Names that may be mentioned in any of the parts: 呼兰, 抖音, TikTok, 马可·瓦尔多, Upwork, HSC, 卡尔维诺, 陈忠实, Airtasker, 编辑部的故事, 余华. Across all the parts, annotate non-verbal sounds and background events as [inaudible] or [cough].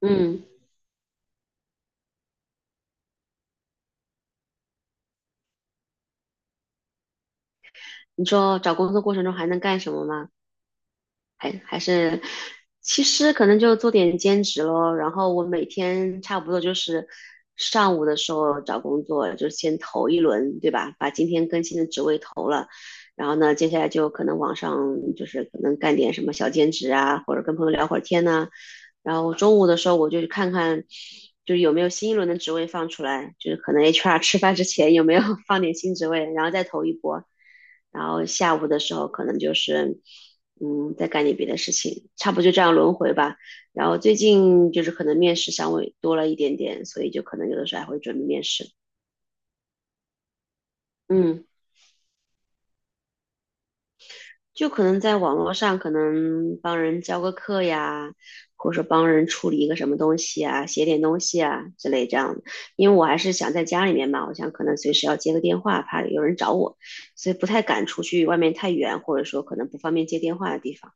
嗯，你说找工作过程中还能干什么吗？还是，其实可能就做点兼职咯。然后我每天差不多就是上午的时候找工作，就先投一轮，对吧？把今天更新的职位投了，然后呢，接下来就可能网上就是可能干点什么小兼职啊，或者跟朋友聊会儿天呐、然后中午的时候我就去看看，就是有没有新一轮的职位放出来，就是可能 HR 吃饭之前有没有 [laughs] 放点新职位，然后再投一波。然后下午的时候可能就是再干点别的事情，差不多就这样轮回吧。然后最近就是可能面试稍微多了一点点，所以就可能有的时候还会准备面试。嗯，就可能在网络上可能帮人教个课呀，或者说帮人处理一个什么东西啊，写点东西啊之类这样的。因为我还是想在家里面嘛，我想可能随时要接个电话，怕有人找我，所以不太敢出去外面太远，或者说可能不方便接电话的地方。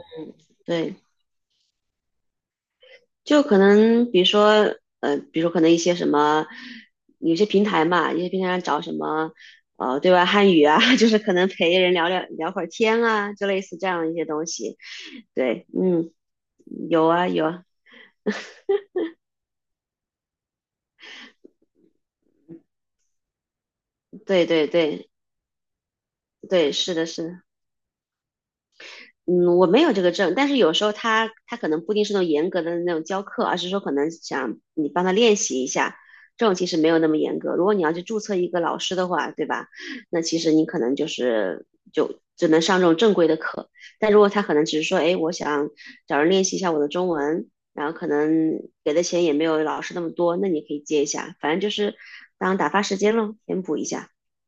嗯，对。就可能比如说，比如可能一些什么，有些平台嘛，有些平台上找什么，对外汉语啊，[laughs] 就是可能陪人聊会儿天啊，就类似这样的一些东西。对，嗯，有啊有啊，对对对对，是的是的。嗯，我没有这个证，但是有时候他可能不一定是那种严格的那种教课，而是说可能想你帮他练习一下，这种其实没有那么严格。如果你要去注册一个老师的话，对吧？那其实你可能就是就只能上这种正规的课。但如果他可能只是说，哎，我想找人练习一下我的中文，然后可能给的钱也没有老师那么多，那你可以接一下，反正就是当打发时间咯，填补一下。[laughs]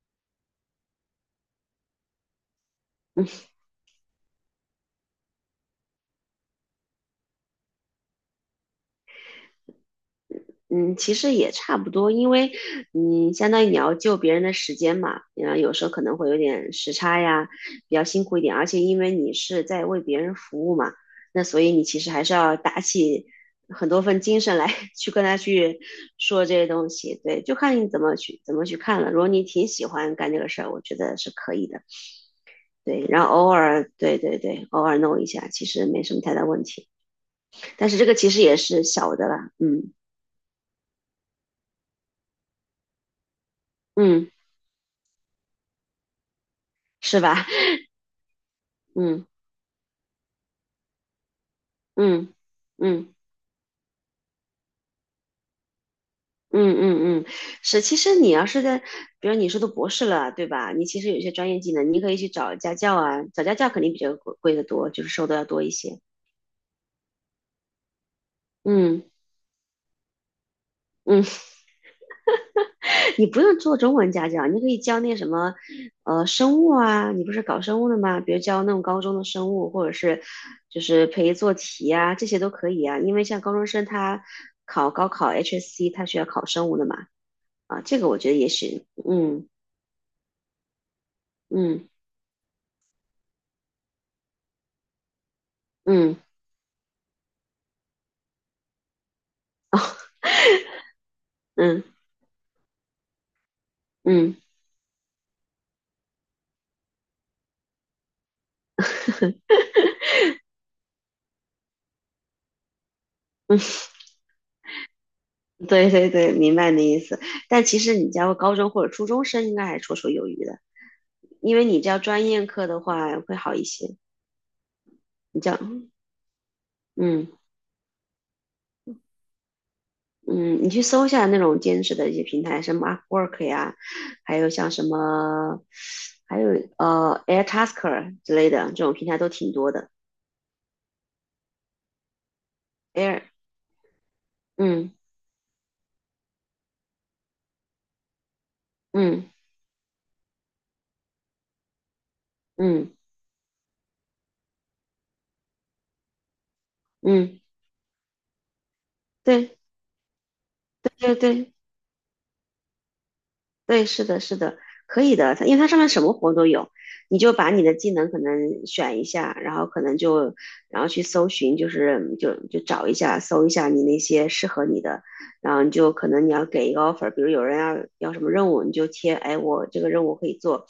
嗯，其实也差不多，因为嗯，相当于你要救别人的时间嘛，然后有时候可能会有点时差呀，比较辛苦一点，而且因为你是在为别人服务嘛，那所以你其实还是要打起很多份精神来 [laughs] 去跟他去说这些东西，对，就看你怎么去看了。如果你挺喜欢干这个事儿，我觉得是可以的，对，然后偶尔，对对对，偶尔弄一下，其实没什么太大问题，但是这个其实也是小的了，嗯嗯，是吧？[laughs] 嗯。嗯嗯嗯嗯嗯，是。其实你要是在，比如你是读博士了，对吧？你其实有一些专业技能，你可以去找家教啊，找家教肯定比较贵的多，就是收的要多一些。嗯嗯，[laughs] 你不用做中文家教，你可以教那什么，生物啊，你不是搞生物的吗？比如教那种高中的生物，或者是就是陪做题啊，这些都可以啊。因为像高中生他考高考 HSC，他需要考生物的嘛，啊，这个我觉得也许，嗯嗯。嗯嗯嗯嗯，[laughs] 对对对，明白你的意思。但其实你家高中或者初中生应该还绰绰有余的，因为你教专业课的话会好一些。你教，嗯嗯，你去搜一下那种兼职的一些平台，什么 Upwork 呀，还有像什么，还有Airtasker 之类的这种平台都挺多的。Air，嗯嗯嗯嗯，对对对对。对，是的，是的，可以的。它因为它上面什么活都有，你就把你的技能可能选一下，然后可能就然后去搜寻，就是就找一下，搜一下你那些适合你的，然后你就可能你要给一个 offer，比如有人要什么任务，你就贴，哎，我这个任务可以做，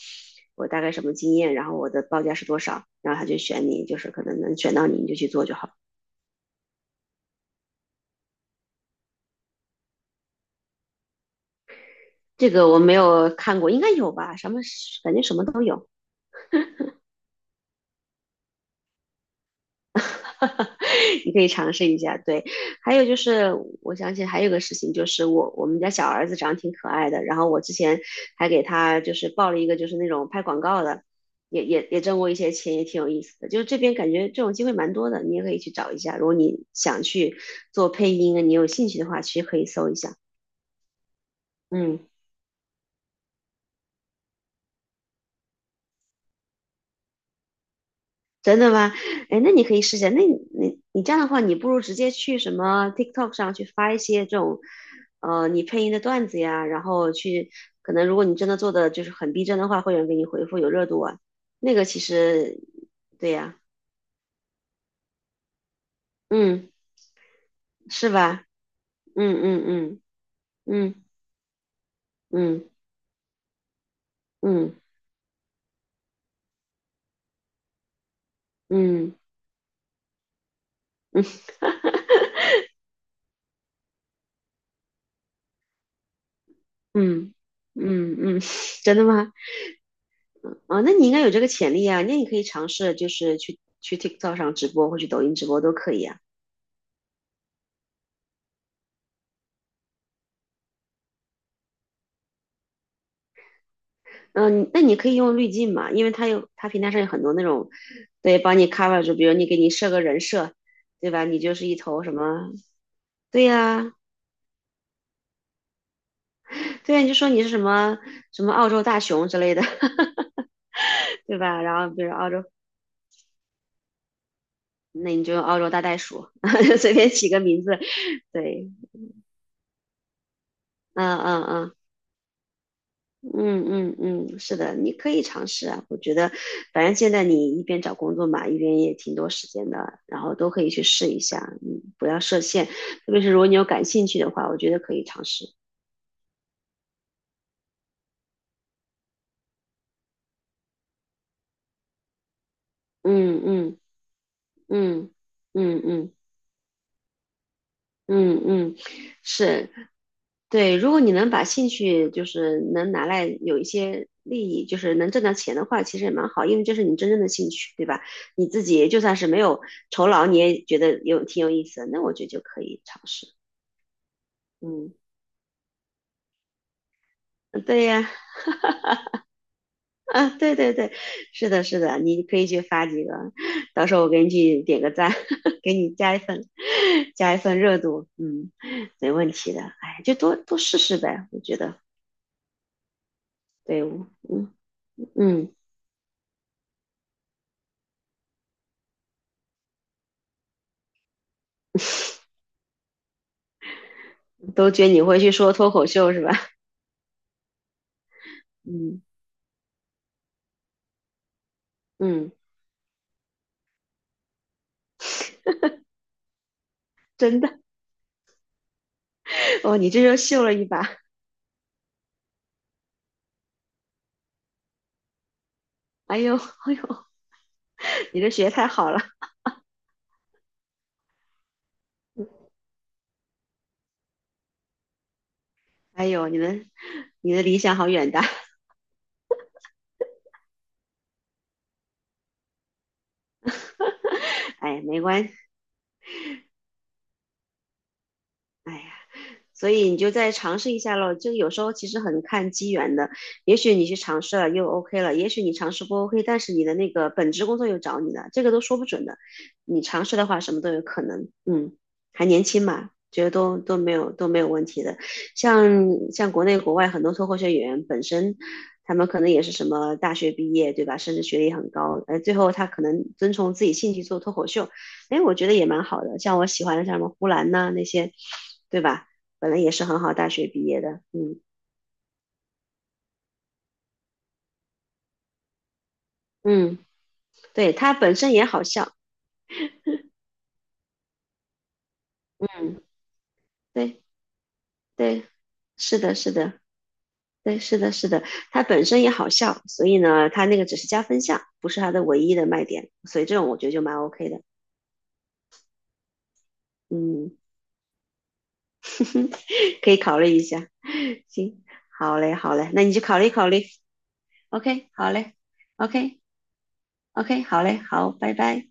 我大概什么经验，然后我的报价是多少，然后他就选你，就是可能能选到你，你就去做就好。这个我没有看过，应该有吧？什么感觉什么都有。[laughs] 你可以尝试一下。对，还有就是，我想起还有个事情，就是我们家小儿子长得挺可爱的，然后我之前还给他就是报了一个就是那种拍广告的，也挣过一些钱，也挺有意思的。就是这边感觉这种机会蛮多的，你也可以去找一下。如果你想去做配音啊，你有兴趣的话，其实可以搜一下。嗯。真的吗？哎，那你可以试一下。那你你这样的话，你不如直接去什么 TikTok 上去发一些这种，你配音的段子呀，然后去，可能如果你真的做的就是很逼真的话，会有人给你回复有热度啊。那个其实，对呀，嗯，是吧？嗯嗯嗯嗯嗯嗯嗯嗯嗯嗯，[laughs] 真的吗？啊，那你应该有这个潜力啊，那你可以尝试就是去 TikTok 上直播或去抖音直播都可以啊。嗯，那你可以用滤镜嘛，因为它平台上有很多那种，对，帮你 cover 住，比如你给你设个人设，对吧？你就是一头什么，对呀、对呀、你就说你是什么什么澳洲大熊之类的，[laughs] 对吧？然后比如澳洲，那你就用澳洲大袋鼠，[laughs] 随便起个名字，对，嗯嗯嗯。嗯嗯嗯，是的，你可以尝试啊。我觉得，反正现在你一边找工作嘛，一边也挺多时间的，然后都可以去试一下。嗯，不要设限，特别是如果你有感兴趣的话，我觉得可以尝试。嗯嗯嗯嗯嗯嗯嗯，是对。如果你能把兴趣就是能拿来有一些利益，就是能挣到钱的话，其实也蛮好，因为这是你真正的兴趣，对吧？你自己就算是没有酬劳，你也觉得有挺有意思的，那我觉得就可以尝试。嗯，对呀，啊，对对对，是的，是的，你可以去发几个，到时候我给你去点个赞，[laughs] 给你加一份，加一份热度，嗯，没问题的，哎，就多多试试呗，我觉得，对，我嗯嗯，都觉得你会去说脱口秀是吧？嗯嗯，真的，哦，你这又秀了一把，哎呦哎呦，[laughs] 你这学太好了，哎呦，你们你的理想好远大，[laughs] 哎，没关，系，哎呀。所以你就再尝试一下咯。就有时候其实很看机缘的，也许你去尝试了又 OK 了，也许你尝试不 OK，但是你的那个本职工作又找你了，这个都说不准的。你尝试的话，什么都有可能。嗯，还年轻嘛，觉得都没有没有问题的。像国内国外很多脱口秀演员本身。他们可能也是什么大学毕业，对吧？甚至学历很高，最后他可能遵从自己兴趣做脱口秀，哎，我觉得也蛮好的。像我喜欢的像什么呼兰呐、那些，对吧？本来也是很好大学毕业的，嗯嗯，对他本身也好笑，嗯，对对，是的，是的，对，是的，是的，他本身也好笑，所以呢，他那个只是加分项，不是他的唯一的卖点，所以这种我觉得就蛮 OK 的，嗯，[laughs] 可以考虑一下，行，好嘞，好嘞，那你就考虑考虑，OK，好嘞，OK，OK，好嘞，好，拜拜。